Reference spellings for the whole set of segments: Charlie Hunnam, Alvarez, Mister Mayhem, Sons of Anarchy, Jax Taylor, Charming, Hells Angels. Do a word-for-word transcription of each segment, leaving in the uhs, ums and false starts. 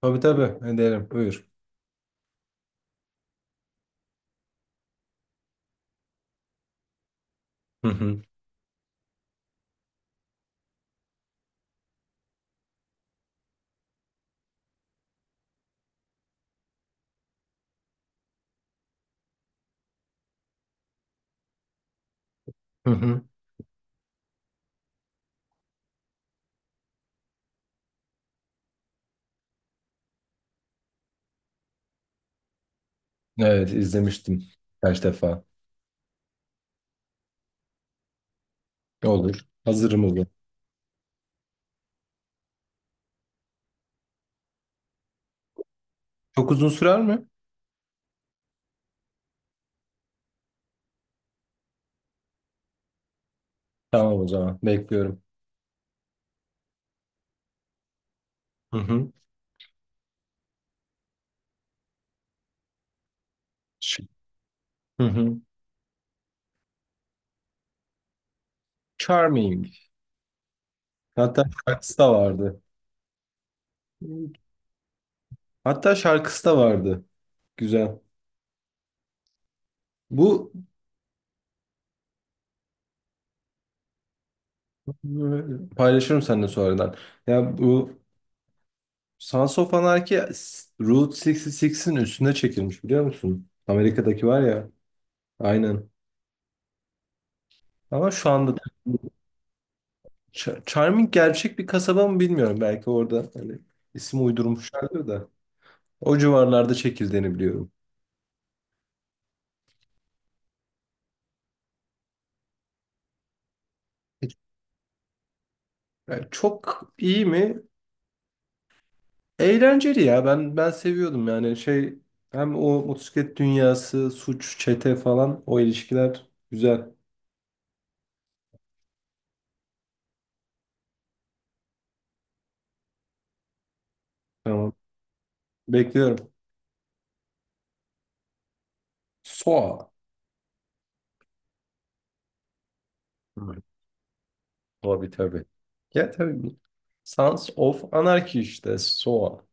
Tabii tabii ederim. Buyur. Hı hı. Hı hı. Evet izlemiştim kaç defa. Olur. Hazırım olur. Çok uzun sürer mi? Tamam, o zaman bekliyorum. Hı hı. Ş- Hı hı. Charming. Hatta şarkısı da vardı. Hatta şarkısı da vardı. Güzel. Bu paylaşırım seninle sonradan. Ya bu Sons of Anarchy s- Route altmış altının üstüne çekilmiş, biliyor musun? Amerika'daki var ya. Aynen. Ama şu anda Ch- Charming gerçek bir kasaba mı bilmiyorum. Belki orada hani isim uydurmuşlardır da. O civarlarda çekildiğini biliyorum. Yani çok iyi mi? Eğlenceli ya. Ben ben seviyordum yani şey, hem o motosiklet dünyası, suç, çete falan, o ilişkiler güzel. Tamam. Bekliyorum. Soa. Hı. Tabii tabii. Ya tabii. Sons of Anarchy işte. Saw.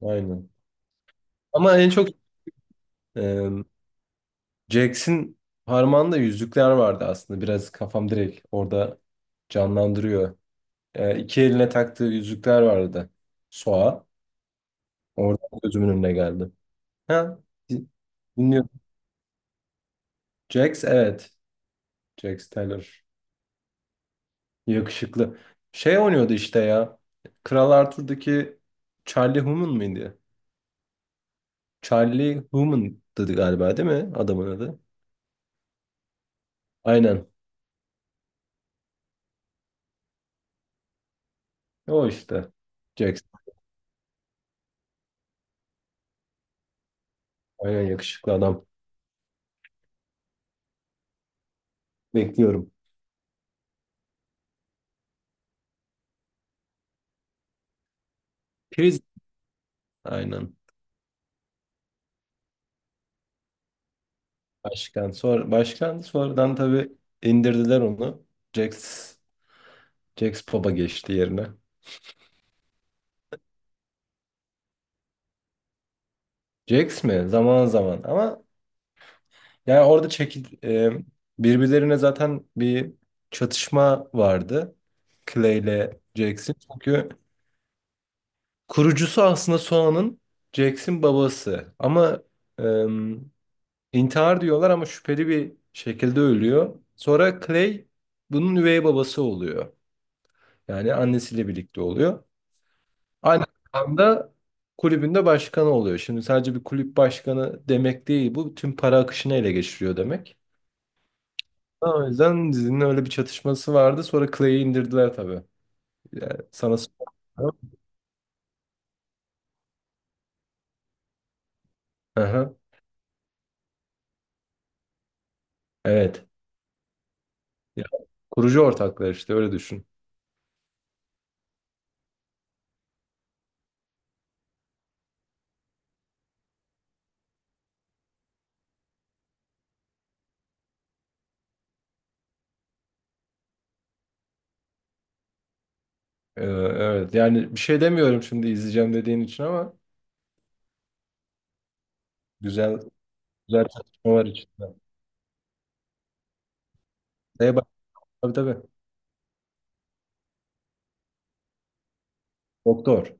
Aynen. Ama en çok e, Jax'in parmağında yüzükler vardı aslında. Biraz kafam direkt orada canlandırıyor. Ee, iki eline taktığı yüzükler vardı. Soğa. Orada gözümün önüne geldi. Ha, din- dinliyorum. Jax evet. Jax Taylor. Yakışıklı. Şey oynuyordu işte ya. Kral Arthur'daki Charlie Hunnam mıydı? Charlie Hunnam'dı galiba, değil mi adamın adı? Aynen. O işte. Jax. Aynen yakışıklı adam. Bekliyorum. Priz. Aynen. Başkan. Sonra, başkan sonradan tabii indirdiler onu. Jax, Jax Pop'a geçti yerine. Jax mi? Zaman zaman. Ama yani orada çekil, e, birbirlerine zaten bir çatışma vardı. Clay ile Jax'in. Çünkü kurucusu aslında Soğan'ın, Jax'in babası. Ama e, intihar diyorlar ama şüpheli bir şekilde ölüyor. Sonra Clay bunun üvey babası oluyor. Yani annesiyle birlikte oluyor. Aynı anda kulübünde başkanı oluyor. Şimdi sadece bir kulüp başkanı demek değil bu. Tüm para akışını ele geçiriyor demek. O yüzden dizinin öyle bir çatışması vardı. Sonra Clay'i indirdiler tabii. Yani sana sorayım. Aha, evet. Ya, kurucu ortaklar işte, öyle düşün. Ee, evet, yani bir şey demiyorum şimdi izleyeceğim dediğin için ama güzel, güzel çatışma var içinde. Neye bak, tabii tabii. Doktor.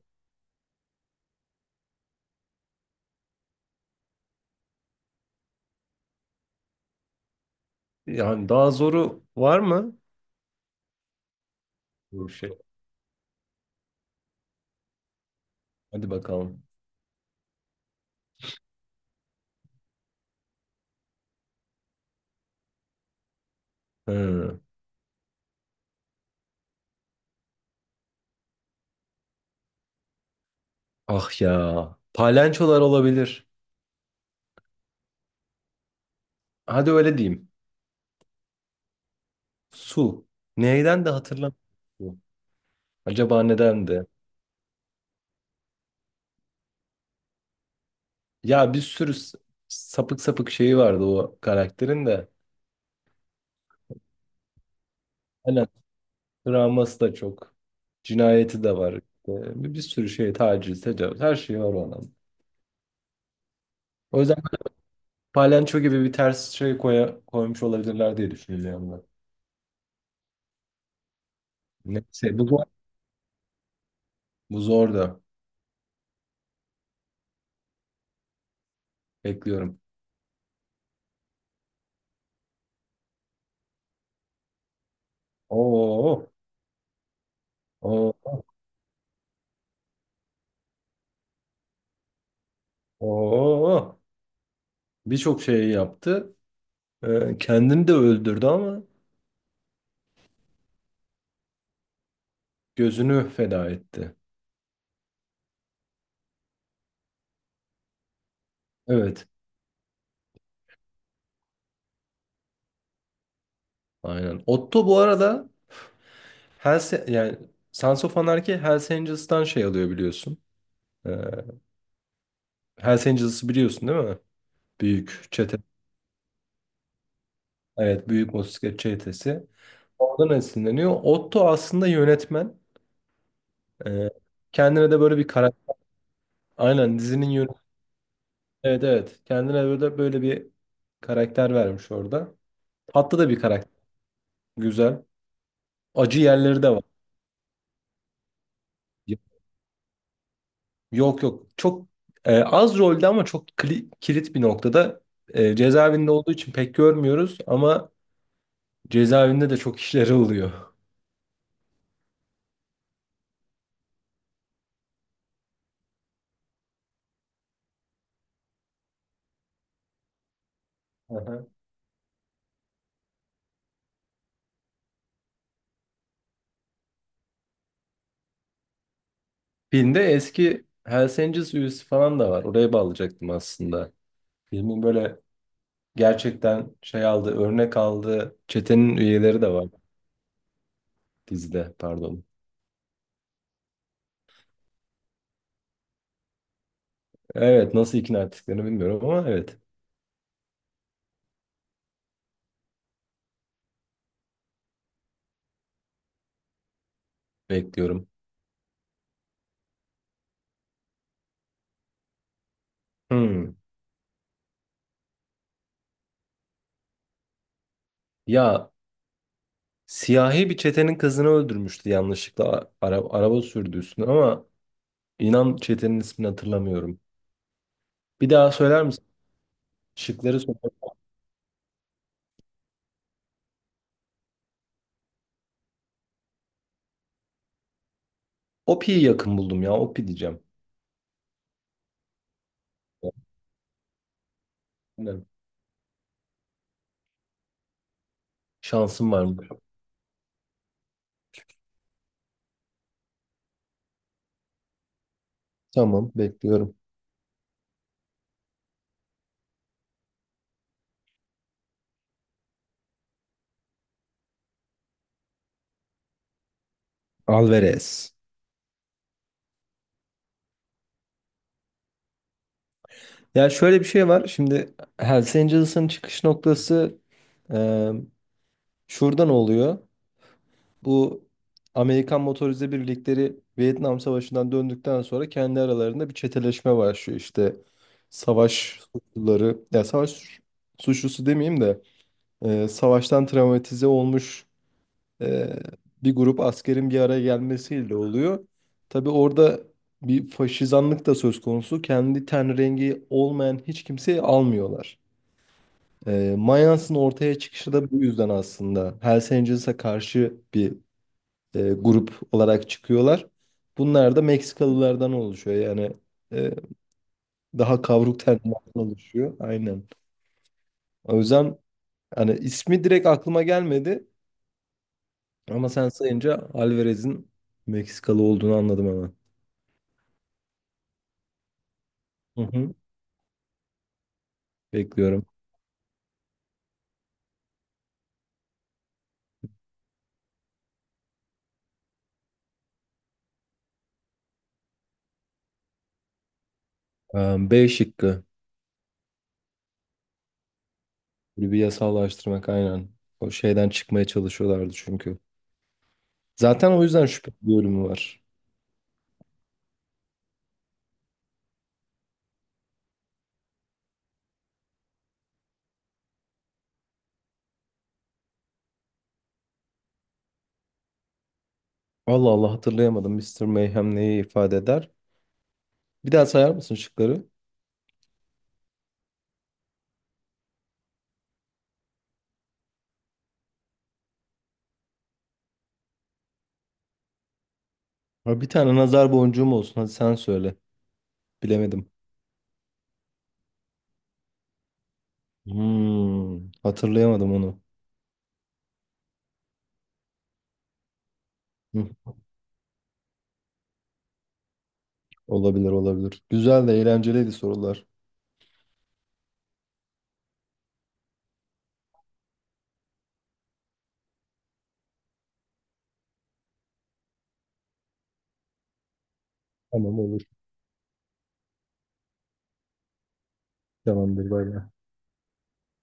Yani daha zoru var mı? Bu şey. Hadi bakalım. Hı. Ah ya. Palençolar olabilir. Hadi öyle diyeyim. Su. Neyden de hatırlamıyorum. Acaba neden de? Ya bir sürü s- sapık sapık şeyi vardı o karakterin de. Aynen. Travması da çok. Cinayeti de var. İşte Bir, bir sürü şey, taciz, tecavüz. Her şey var o adam. O yüzden Palenço gibi bir ters şey koya, koymuş olabilirler diye düşünüyorum ben. Neyse bu zor. Bu zor da. Bekliyorum. Oo. Oo. Oo. Birçok şey yaptı. Ee, kendini de öldürdü ama gözünü feda etti. Evet. Aynen. Otto bu arada Hells, yani Sons of Anarchy Hells Angels'tan şey alıyor, biliyorsun. Ee, Hells Angels'ı biliyorsun değil mi? Büyük çete. Evet, büyük motosiklet çetesi. Oradan esinleniyor. Otto aslında yönetmen. Ee, Kendine de böyle bir karakter. Aynen, dizinin yönetmeni. Evet evet. Kendine böyle, böyle bir karakter vermiş orada. Tatlı da bir karakter. Güzel. Acı yerleri de var. Yok yok. Çok e, az rolde ama çok kli- kilit bir noktada. E, cezaevinde olduğu için pek görmüyoruz ama cezaevinde de çok işleri oluyor. Aha. Filmde eski Hells Angels üyesi falan da var. Oraya bağlayacaktım aslında. Filmin böyle gerçekten şey aldı, örnek aldığı çetenin üyeleri de var dizide, pardon. Evet, nasıl ikna ettiklerini bilmiyorum ama evet, bekliyorum. Hmm. Ya, siyahi bir çetenin kızını öldürmüştü yanlışlıkla, araba, araba sürdü üstüne ama inan çetenin ismini hatırlamıyorum. Bir daha söyler misin? Şıkları söyle. Opi'yi yakın buldum ya, Opi diyeceğim. Aynen. Şansım var mı? Tamam, bekliyorum. Alvarez. Ya şöyle bir şey var şimdi, Hells Angels'ın çıkış noktası e, şuradan oluyor. Bu Amerikan motorize birlikleri Vietnam Savaşı'ndan döndükten sonra kendi aralarında bir çeteleşme başlıyor. İşte savaş suçluları, ya savaş suç- suçlusu demeyeyim de e, savaştan travmatize olmuş e, bir grup askerin bir araya gelmesiyle oluyor. Tabii orada bir faşizanlık da söz konusu. Kendi ten rengi olmayan hiç kimseyi almıyorlar. E, Mayans'ın ortaya çıkışı da bu yüzden aslında. Hells Angels'a karşı bir e, grup olarak çıkıyorlar. Bunlar da Meksikalılardan oluşuyor. Yani e, daha kavruk tenlilerden oluşuyor. Aynen. O yüzden hani ismi direkt aklıma gelmedi ama sen sayınca Alvarez'in Meksikalı olduğunu anladım hemen. Hı hı. Bekliyorum. Ee, B şıkkı. Böyle bir yasallaştırmak aynen. O şeyden çıkmaya çalışıyorlardı çünkü. Zaten o yüzden şüphe bir bölümü var. Allah Allah, hatırlayamadım. Mister Mayhem neyi ifade eder? Bir daha sayar mısın şıkları? Ha, bir tane nazar boncuğum olsun. Hadi sen söyle. Bilemedim. Hmm, hatırlayamadım onu. Hı, olabilir olabilir. Güzel de, eğlenceliydi sorular. Tamam olur. Tamamdır, bay bay.